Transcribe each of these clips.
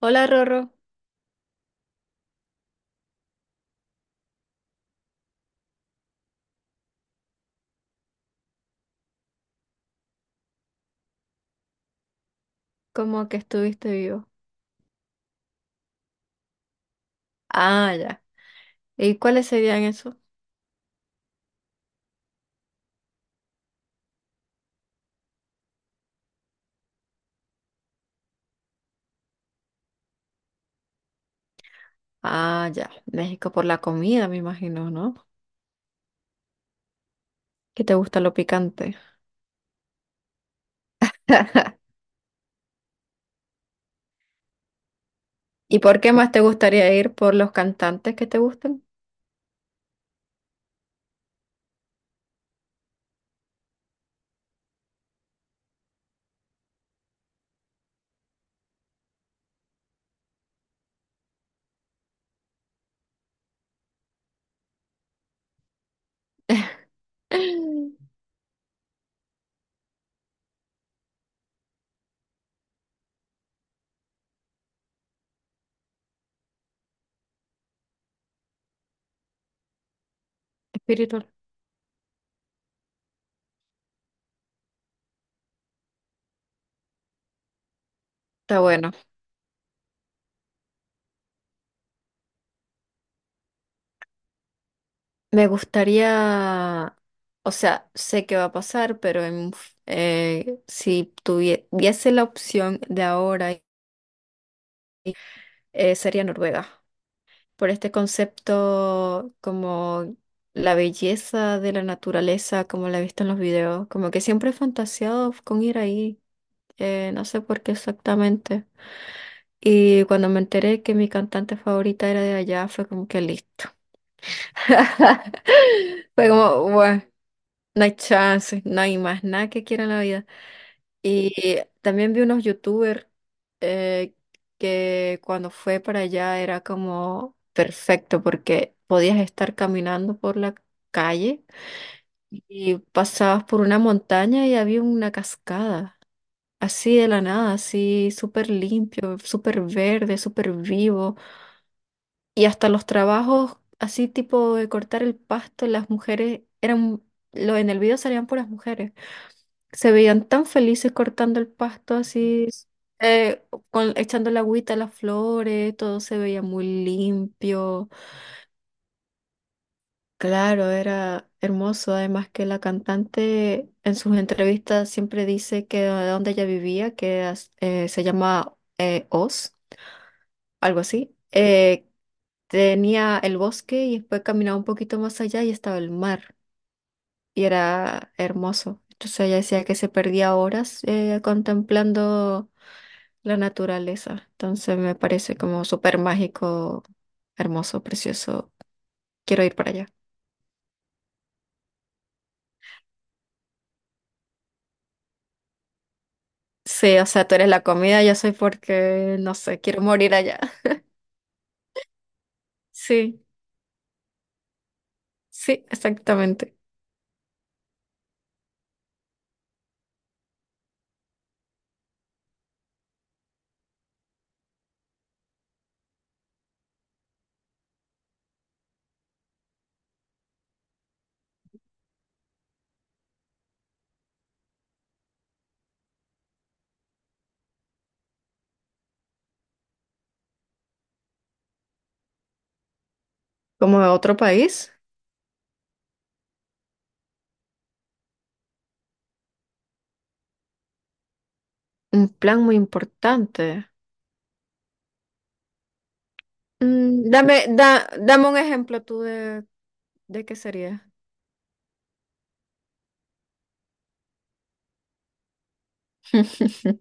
Hola Rorro, ¿cómo que estuviste vivo? Ah, ya. ¿Y cuáles serían esos? Ah, ya. México por la comida, me imagino, ¿no? Que te gusta lo picante. ¿Y por qué más te gustaría ir por los cantantes que te gustan? Espiritual. Está bueno. Me gustaría, o sea, sé que va a pasar, si tuviese la opción de ahora, sería Noruega. Por este concepto como la belleza de la naturaleza, como la he visto en los videos, como que siempre he fantaseado con ir ahí, no sé por qué exactamente. Y cuando me enteré que mi cantante favorita era de allá, fue como que listo. Fue como, bueno, no hay chance, no hay más nada que quiera en la vida. Y también vi unos youtubers eh, que cuando fue para allá era como perfecto porque podías estar caminando por la calle y pasabas por una montaña y había una cascada, así de la nada, así súper limpio, súper verde, súper vivo. Y hasta los trabajos, así tipo de cortar el pasto, las mujeres eran, lo, en el video salían puras mujeres. Se veían tan felices cortando el pasto así, eh, con, echando la agüita a las flores, todo se veía muy limpio. Claro, era hermoso. Además que la cantante en sus entrevistas siempre dice que de donde ella vivía, se llama Oz, algo así, tenía el bosque y después caminaba un poquito más allá y estaba el mar. Y era hermoso. Entonces ella decía que se perdía horas contemplando la naturaleza. Entonces me parece como súper mágico, hermoso, precioso. Quiero ir para allá. Sí, o sea, tú eres la comida, yo soy porque, no sé, quiero morir allá. Sí, sí, exactamente. Como de otro país, un plan muy importante. Mm, dame un ejemplo tú de qué sería.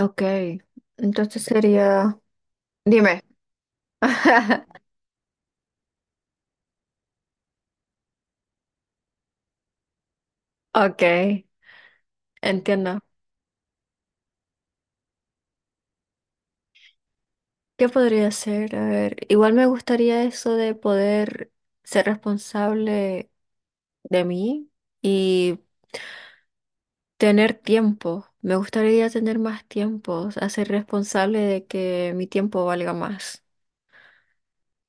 Ok, entonces sería, dime. Ok, entiendo. ¿Qué podría ser? A ver, igual me gustaría eso de poder ser responsable de mí y tener tiempo. Me gustaría tener más tiempo, hacer responsable de que mi tiempo valga más.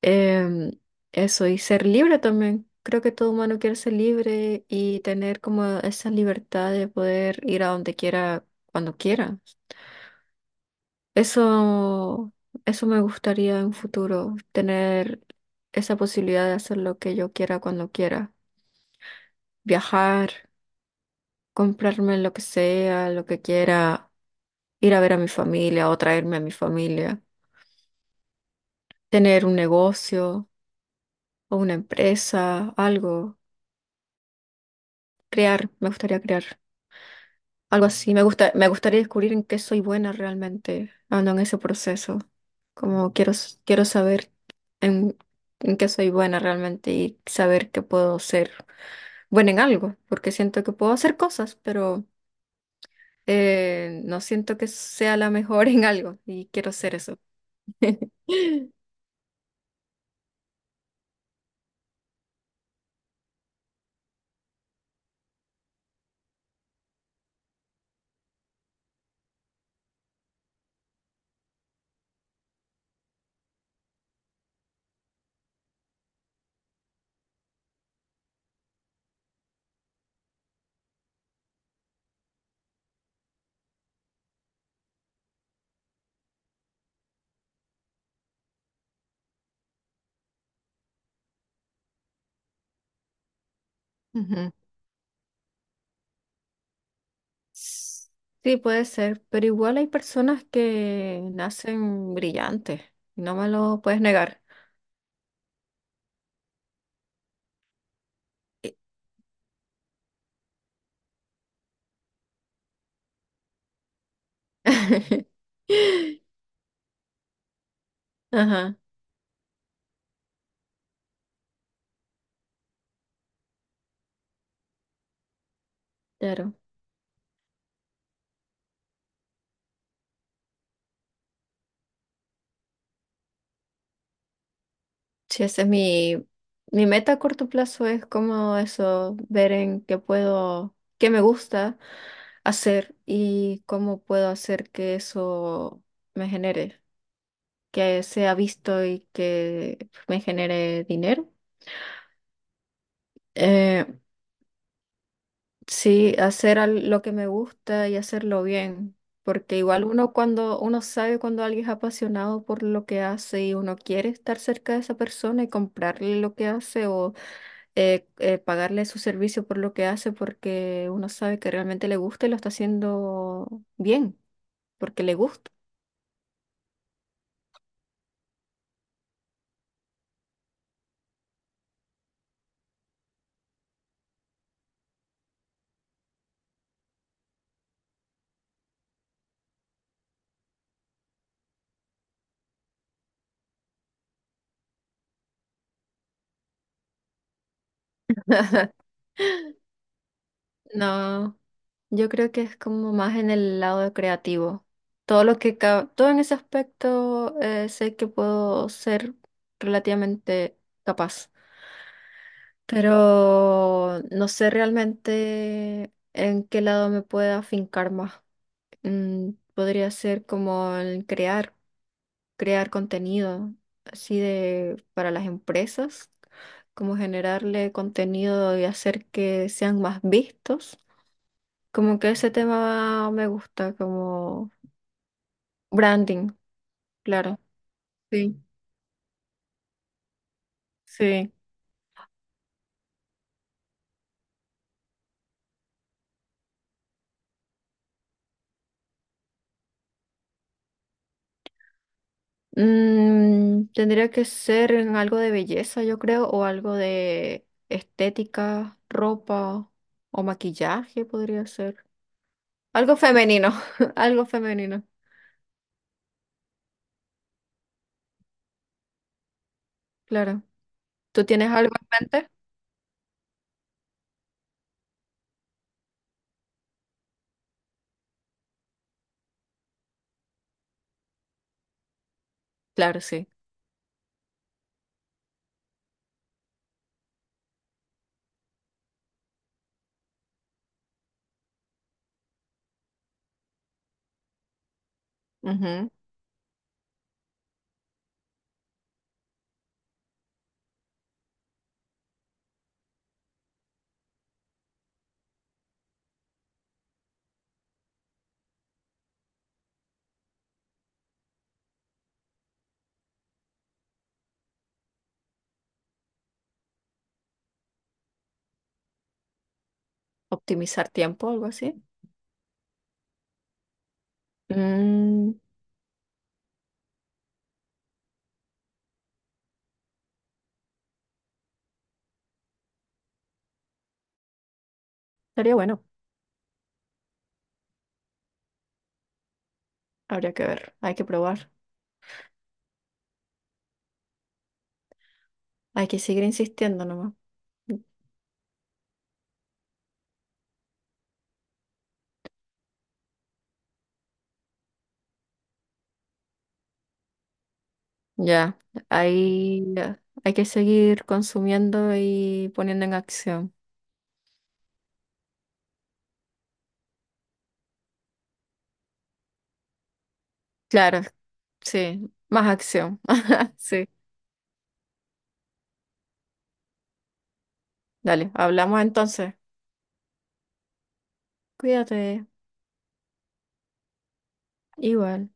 Em, Eso, y ser libre también. Creo que todo humano quiere ser libre y tener como esa libertad de poder ir a donde quiera, cuando quiera. Eso, eso me gustaría en futuro, tener esa posibilidad de hacer lo que yo quiera cuando quiera, viajar, comprarme lo que sea, lo que quiera, ir a ver a mi familia o traerme a mi familia, tener un negocio o una empresa, algo, crear, me gustaría crear. Algo así. Me gusta, me gustaría descubrir en qué soy buena realmente, ando en ese proceso. Como quiero, quiero saber en, en qué soy buena realmente y saber que puedo ser buena en algo, porque siento que puedo hacer cosas, pero no siento que sea la mejor en algo y quiero ser eso. Ujú. S- Sí, puede ser, pero igual hay personas que nacen brillantes, no me lo puedes negar. Y- Ajá. Claro. Sí, ese es mi, mi meta a corto plazo, es como eso, ver en qué puedo, qué me gusta hacer y cómo puedo hacer que eso me genere, que sea visto y que me genere dinero. Eh, sí, hacer lo que me gusta y hacerlo bien, porque igual uno cuando uno sabe cuando alguien es apasionado por lo que hace y uno quiere estar cerca de esa persona y comprarle lo que hace o pagarle su servicio por lo que hace porque uno sabe que realmente le gusta y lo está haciendo bien, porque le gusta. No, yo creo que es como más en el lado creativo. Todo en ese aspecto sé que puedo ser relativamente capaz, pero no sé realmente en qué lado me pueda afincar más. Mm, podría ser como el crear. Crear contenido así de para las empresas, como generarle contenido y hacer que sean más vistos. Como que ese tema me gusta, como branding, claro. Sí, sí. Mm, tendría que ser en algo de belleza, yo creo, o algo de estética, ropa o maquillaje podría ser. Algo femenino, algo femenino, claro. ¿Tú tienes algo en mente? Claro, sí. Optimizar tiempo, algo así. Mm, estaría bueno, habría que ver, hay que probar, hay que seguir insistiendo nomás. Ya, hay, hay que seguir consumiendo y poniendo en acción. Claro, sí, más acción, sí. Dale, hablamos entonces. Cuídate, igual.